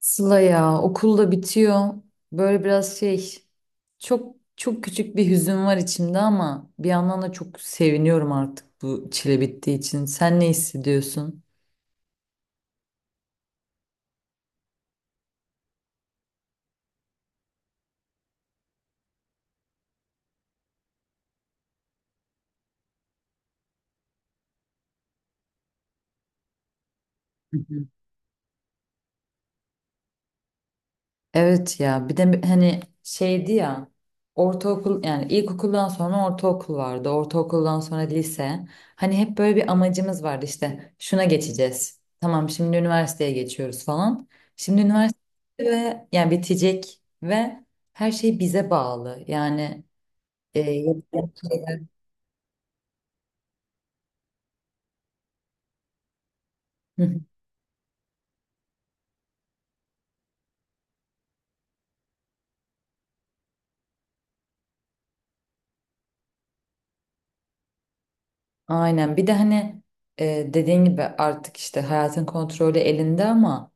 Sıla ya okul da bitiyor. Böyle biraz şey, çok çok küçük bir hüzün var içimde, ama bir yandan da çok seviniyorum artık bu çile bittiği için. Sen ne hissediyorsun? Evet, ya bir de hani şeydi ya, ortaokul yani ilkokuldan sonra ortaokul vardı, ortaokuldan sonra lise, hani hep böyle bir amacımız vardı işte şuna geçeceğiz, tamam şimdi üniversiteye geçiyoruz falan, şimdi üniversite ve yani bitecek ve her şey bize bağlı yani e, yapacağım şeyler- Hı hı. Aynen, bir de hani dediğin gibi artık işte hayatın kontrolü elinde, ama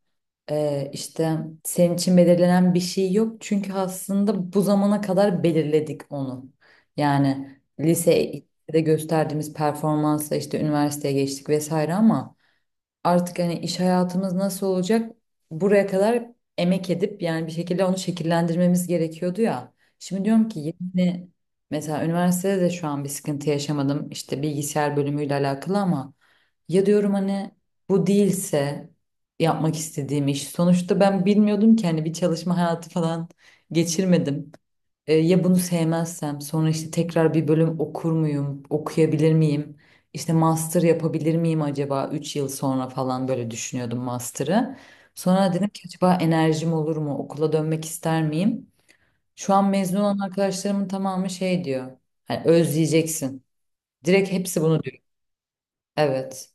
İşte senin için belirlenen bir şey yok çünkü aslında bu zamana kadar belirledik onu. Yani lisede gösterdiğimiz performansa işte üniversiteye geçtik vesaire, ama artık hani iş hayatımız nasıl olacak, buraya kadar emek edip yani bir şekilde onu şekillendirmemiz gerekiyordu ya. Şimdi diyorum ki yine mesela üniversitede de şu an bir sıkıntı yaşamadım işte bilgisayar bölümüyle alakalı, ama ya diyorum hani bu değilse yapmak istediğim iş, sonuçta ben bilmiyordum ki hani bir çalışma hayatı falan geçirmedim. Ya bunu sevmezsem sonra işte tekrar bir bölüm okur muyum, okuyabilir miyim? İşte master yapabilir miyim acaba 3 yıl sonra falan, böyle düşünüyordum master'ı. Sonra dedim ki acaba enerjim olur mu? Okula dönmek ister miyim? Şu an mezun olan arkadaşlarımın tamamı şey diyor. Hani özleyeceksin. Direkt hepsi bunu diyor. Evet.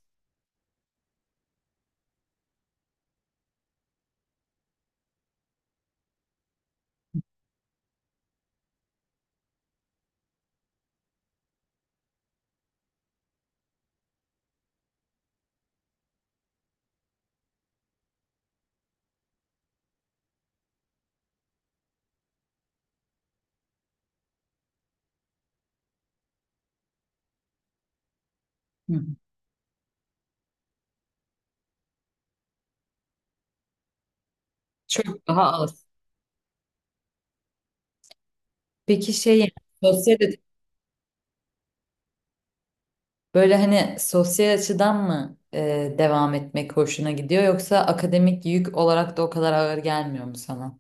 Hı. Çok daha az. Peki şey yani, sosyal... Böyle hani sosyal açıdan mı devam etmek hoşuna gidiyor, yoksa akademik yük olarak da o kadar ağır gelmiyor mu sana?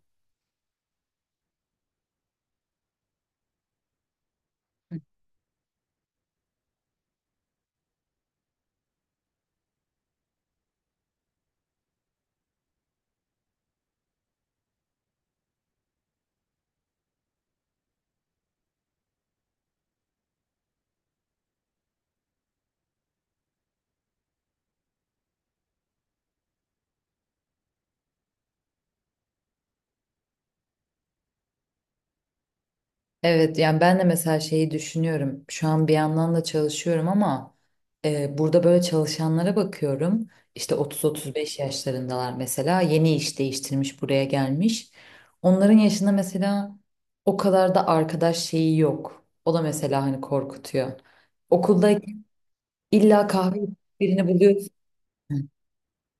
Evet, yani ben de mesela şeyi düşünüyorum. Şu an bir yandan da çalışıyorum, ama burada böyle çalışanlara bakıyorum. İşte 30-35 yaşlarındalar mesela, yeni iş değiştirmiş buraya gelmiş. Onların yaşında mesela o kadar da arkadaş şeyi yok. O da mesela hani korkutuyor. Okuldayken illa kahve birini buluyorsun.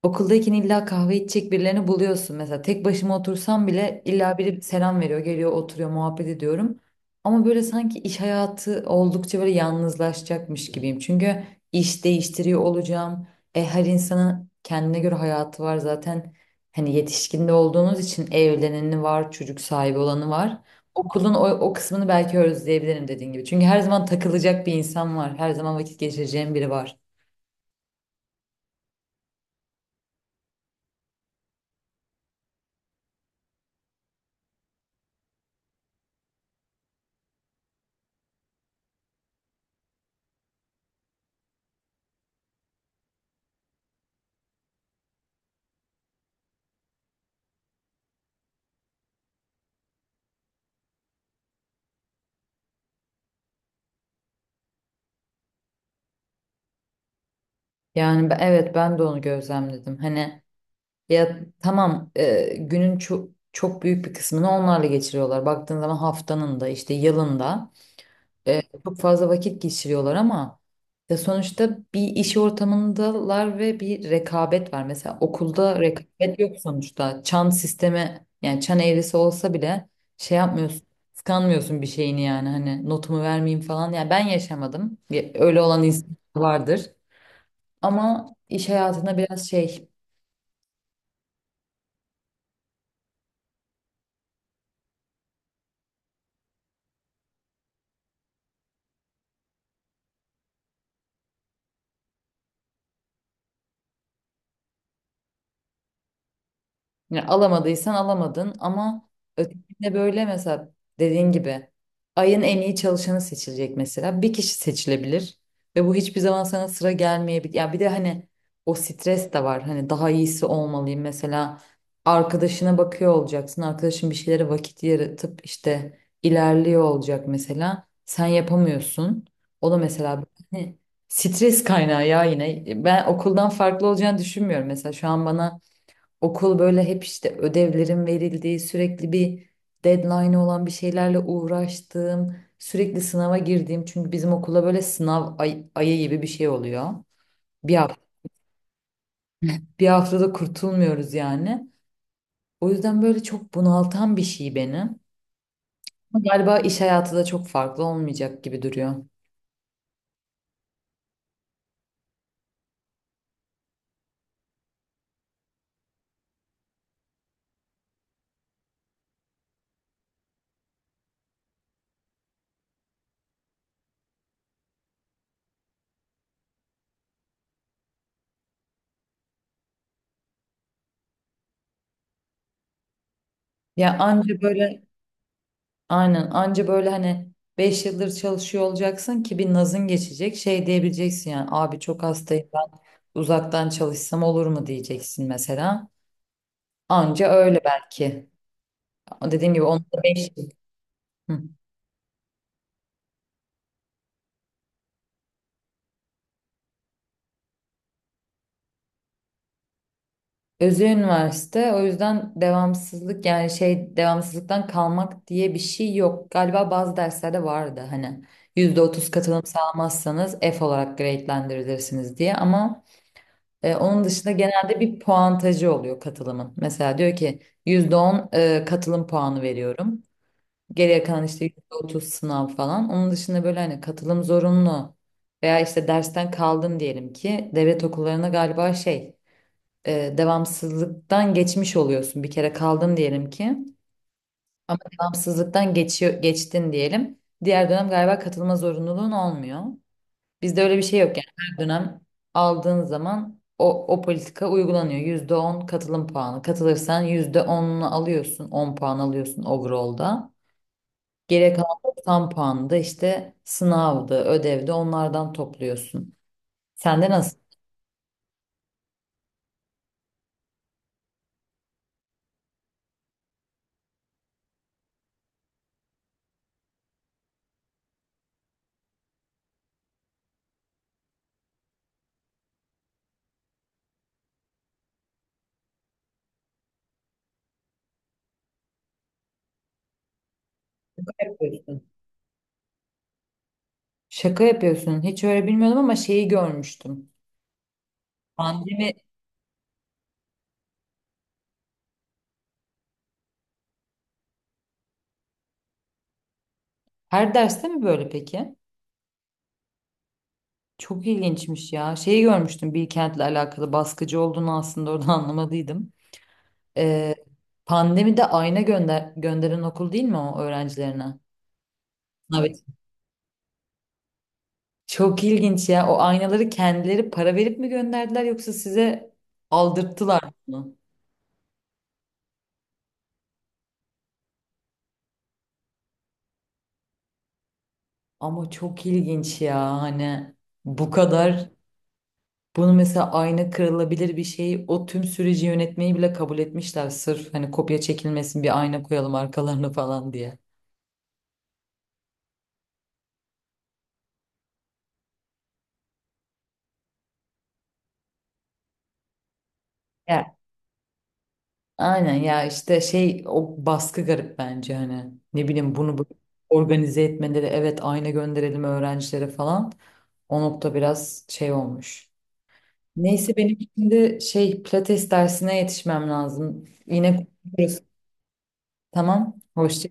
Okuldayken illa kahve içecek birilerini buluyorsun. Mesela tek başıma otursam bile illa biri selam veriyor, geliyor, oturuyor, muhabbet ediyorum. Ama böyle sanki iş hayatı oldukça böyle yalnızlaşacakmış gibiyim. Çünkü iş değiştiriyor olacağım. Her insanın kendine göre hayatı var zaten. Hani yetişkinde olduğunuz için evleneni var, çocuk sahibi olanı var. Okulun o kısmını belki özleyebilirim dediğin gibi. Çünkü her zaman takılacak bir insan var. Her zaman vakit geçireceğim biri var. Yani evet, ben de onu gözlemledim. Hani ya tamam, günün çok çok büyük bir kısmını onlarla geçiriyorlar. Baktığın zaman haftanın da, işte yılın da çok fazla vakit geçiriyorlar, ama ya sonuçta bir iş ortamındalar ve bir rekabet var. Mesela okulda rekabet yok sonuçta. Çan sistemi yani çan eğrisi olsa bile şey yapmıyorsun. Kıskanmıyorsun bir şeyini, yani hani notumu vermeyeyim falan. Yani ben yaşamadım. Ya öyle olan insan vardır. Ama iş hayatında biraz şey... Yani alamadıysan alamadın, ama ötekinde böyle mesela dediğin gibi ayın en iyi çalışanı seçilecek mesela. Bir kişi seçilebilir ve bu hiçbir zaman sana sıra gelmeyebilir. Ya bir de hani o stres de var. Hani daha iyisi olmalıyım mesela, arkadaşına bakıyor olacaksın. Arkadaşın bir şeylere vakit yaratıp işte ilerliyor olacak mesela. Sen yapamıyorsun. O da mesela hani stres kaynağı ya yine. Ben okuldan farklı olacağını düşünmüyorum mesela, şu an bana okul böyle hep işte ödevlerin verildiği, sürekli bir deadline olan bir şeylerle uğraştığım, sürekli sınava girdiğim. Çünkü bizim okula böyle sınav ayı gibi bir şey oluyor. Bir hafta, bir haftada kurtulmuyoruz yani. O yüzden böyle çok bunaltan bir şey beni. Ama galiba iş hayatı da çok farklı olmayacak gibi duruyor. Ya anca böyle Aynen, anca böyle hani 5 yıldır çalışıyor olacaksın ki bir nazın geçecek, şey diyebileceksin yani, abi çok hastayım ben, uzaktan çalışsam olur mu diyeceksin mesela. Anca öyle belki. Dediğim gibi onun da 5 yıl. Hı. Özü üniversite, o yüzden devamsızlık yani şey, devamsızlıktan kalmak diye bir şey yok. Galiba bazı derslerde vardı hani %30 katılım sağlamazsanız F olarak grade'lendirilirsiniz diye, ama onun dışında genelde bir puantajı oluyor katılımın. Mesela diyor ki %10 katılım puanı veriyorum. Geriye kalan işte %30 sınav falan. Onun dışında böyle hani katılım zorunlu veya işte dersten kaldın diyelim ki, devlet okullarına galiba şey devamsızlıktan geçmiş oluyorsun. Bir kere kaldın diyelim ki, ama devamsızlıktan geçiyor, geçtin diyelim. Diğer dönem galiba katılma zorunluluğun olmuyor. Bizde öyle bir şey yok yani, her dönem aldığın zaman o politika uygulanıyor. %10 katılım puanı. Katılırsan %10'unu alıyorsun, 10 puan alıyorsun overall'da. Geriye kalan 90 puanı da işte sınavdı, ödevdi, onlardan topluyorsun. Sen de nasıl... Şaka yapıyorsun? Şaka yapıyorsun. Hiç öyle bilmiyordum, ama şeyi görmüştüm. Pandemi her derste mi böyle peki? Çok ilginçmiş ya. Şeyi görmüştüm Bilkent'le alakalı baskıcı olduğunu, aslında orada anlamadıydım. Ee, Pandemide ayna gönderen okul değil mi o öğrencilerine? Evet. Çok ilginç ya. O aynaları kendileri para verip mi gönderdiler, yoksa size aldırttılar mı? Ama çok ilginç ya hani, bu kadar, bunu mesela ayna kırılabilir bir şey, o tüm süreci yönetmeyi bile kabul etmişler sırf hani kopya çekilmesin, bir ayna koyalım arkalarına falan diye. Ya Aynen ya işte şey, o baskı garip bence hani, ne bileyim bunu organize etmeleri, evet ayna gönderelim öğrencilere falan, o nokta biraz şey olmuş. Neyse, benim şimdi şey pilates dersine yetişmem lazım. Yine konuşuruz. Tamam. Hoşça